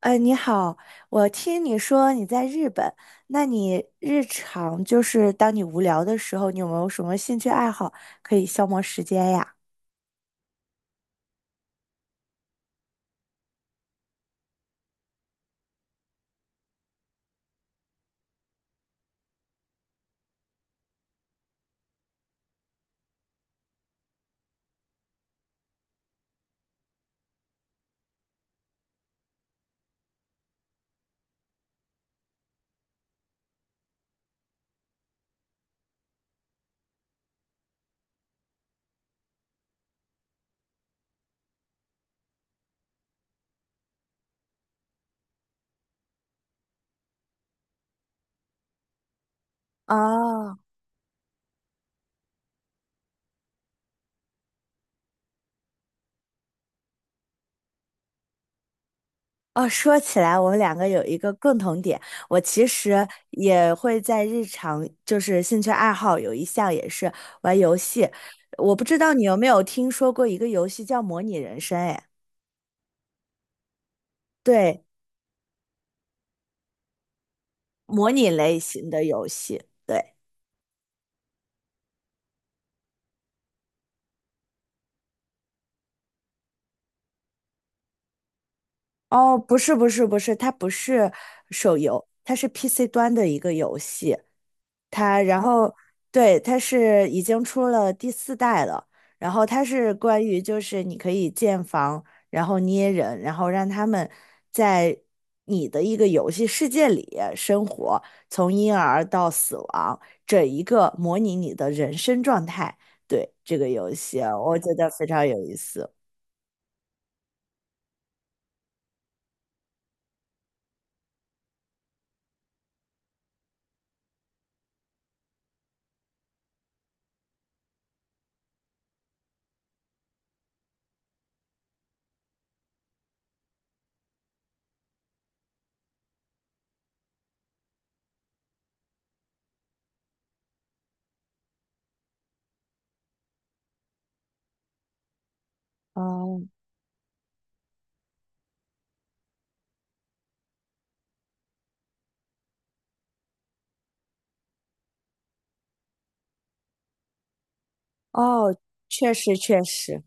你好，我听你说你在日本，那你日常就是当你无聊的时候，你有没有什么兴趣爱好可以消磨时间呀？哦哦，说起来，我们两个有一个共同点，我其实也会在日常就是兴趣爱好有一项也是玩游戏，我不知道你有没有听说过一个游戏叫模拟人生，哎，对，模拟类型的游戏。对。哦，不是，它不是手游，它是 PC 端的一个游戏。它然后对，它是已经出了第四代了。然后它是关于就是你可以建房，然后捏人，然后让他们在你的一个游戏世界里生活，从婴儿到死亡，整一个模拟你的人生状态。对，这个游戏啊我觉得非常有意思。哦哦，确实确实。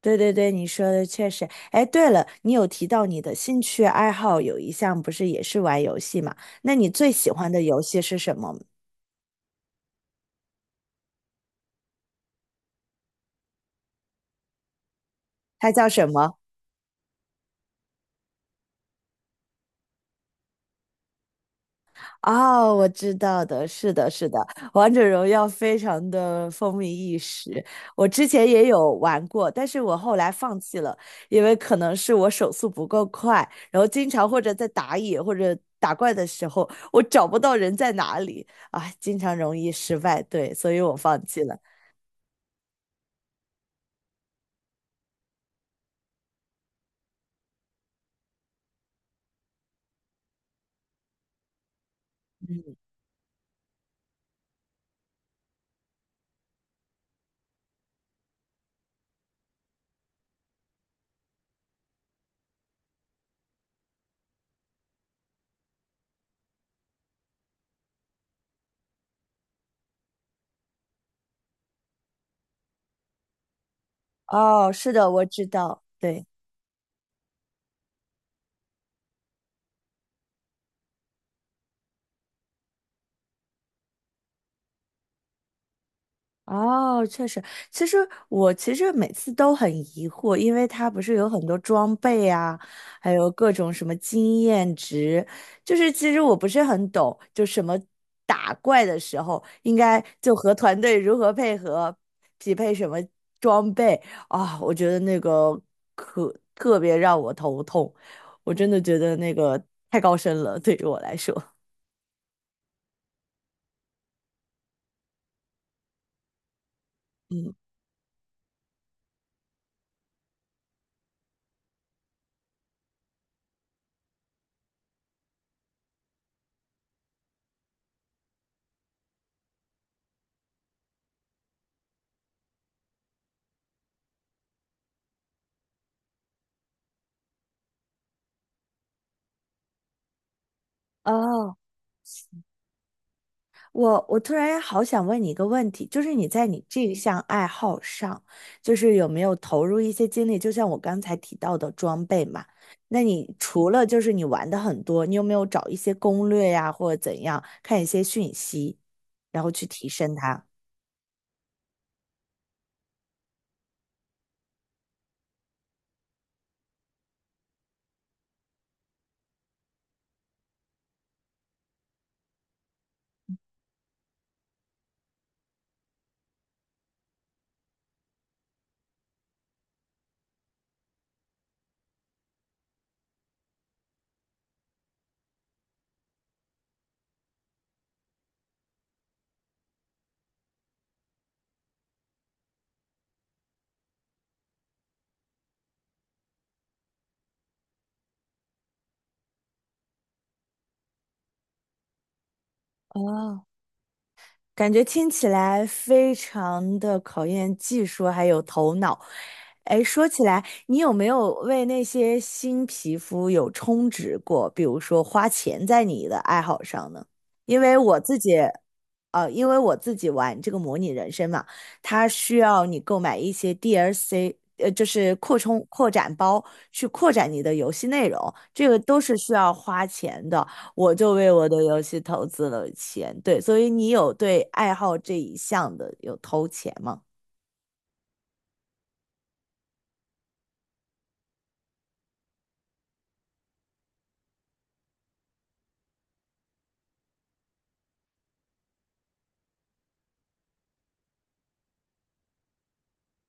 对对对，你说的确实。哎，对了，你有提到你的兴趣爱好有一项不是也是玩游戏嘛？那你最喜欢的游戏是什么？它叫什么？哦，我知道的，是的，是的，《王者荣耀》非常的风靡一时。我之前也有玩过，但是我后来放弃了，因为可能是我手速不够快，然后经常或者在打野或者打怪的时候，我找不到人在哪里，啊，经常容易失败，对，所以我放弃了。嗯哦，是的，我知道，对，哦，确实，其实我其实每次都很疑惑，因为它不是有很多装备啊，还有各种什么经验值，就是其实我不是很懂，就什么打怪的时候应该就和团队如何配合，匹配什么装备啊，我觉得那个可特别让我头痛，我真的觉得那个太高深了，对于我来说，嗯。哦我突然好想问你一个问题，就是你在你这项爱好上，就是有没有投入一些精力？就像我刚才提到的装备嘛，那你除了就是你玩的很多，你有没有找一些攻略呀，或者怎样，看一些讯息，然后去提升它？哦，感觉听起来非常的考验技术还有头脑。哎，说起来，你有没有为那些新皮肤有充值过？比如说花钱在你的爱好上呢？因为我自己，因为我自己玩这个模拟人生嘛，它需要你购买一些 DLC，就是扩充扩展包去扩展你的游戏内容，这个都是需要花钱的。我就为我的游戏投资了钱，对，所以你有对爱好这一项的有投钱吗？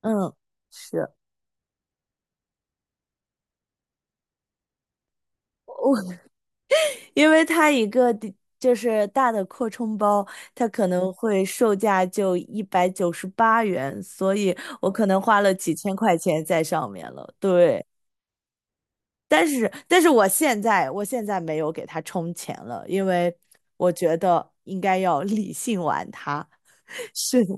嗯，是。因为它一个的就是大的扩充包，它可能会售价就198元，所以我可能花了几千块钱在上面了。对，但是我现在没有给它充钱了，因为我觉得应该要理性玩它。是的，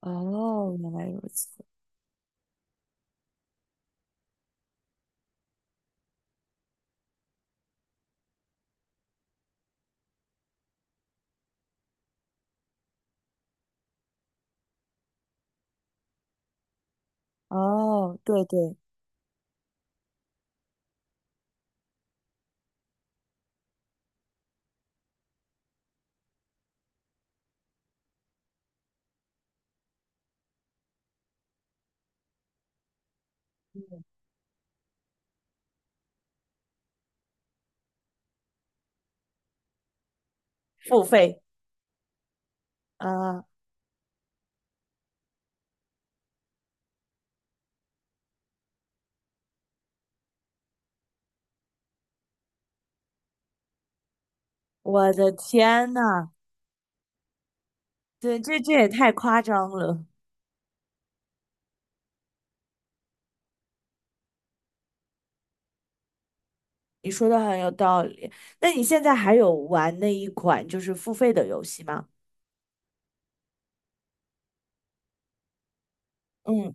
哦，原来如此。哦，对对，付费啊，我的天呐，对，这这也太夸张了。你说的很有道理。那你现在还有玩那一款就是付费的游戏吗？嗯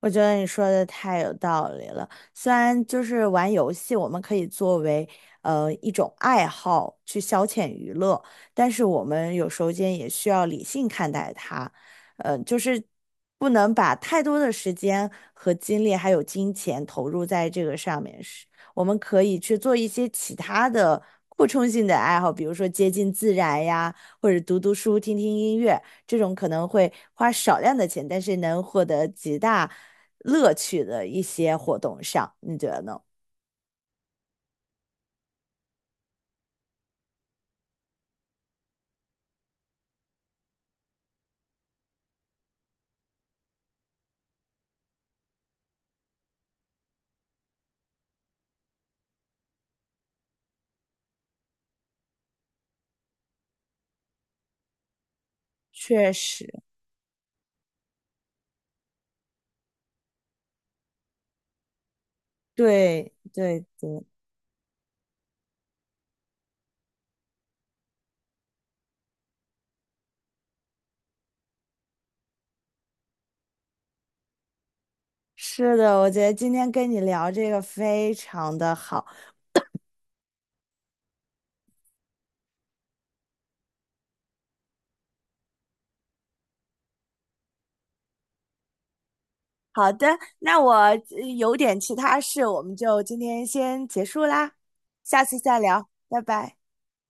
我觉得你说的太有道理了。虽然就是玩游戏，我们可以作为一种爱好去消遣娱乐，但是我们有时候间也需要理性看待它，就是不能把太多的时间和精力还有金钱投入在这个上面。是，我们可以去做一些其他的扩充性的爱好，比如说接近自然呀，或者读读书、听听音乐。这种可能会花少量的钱，但是能获得极大乐趣的一些活动上，你觉得呢？确实，对对对，是的，我觉得今天跟你聊这个非常的好。好的，那我有点其他事，我们就今天先结束啦，下次再聊，拜拜。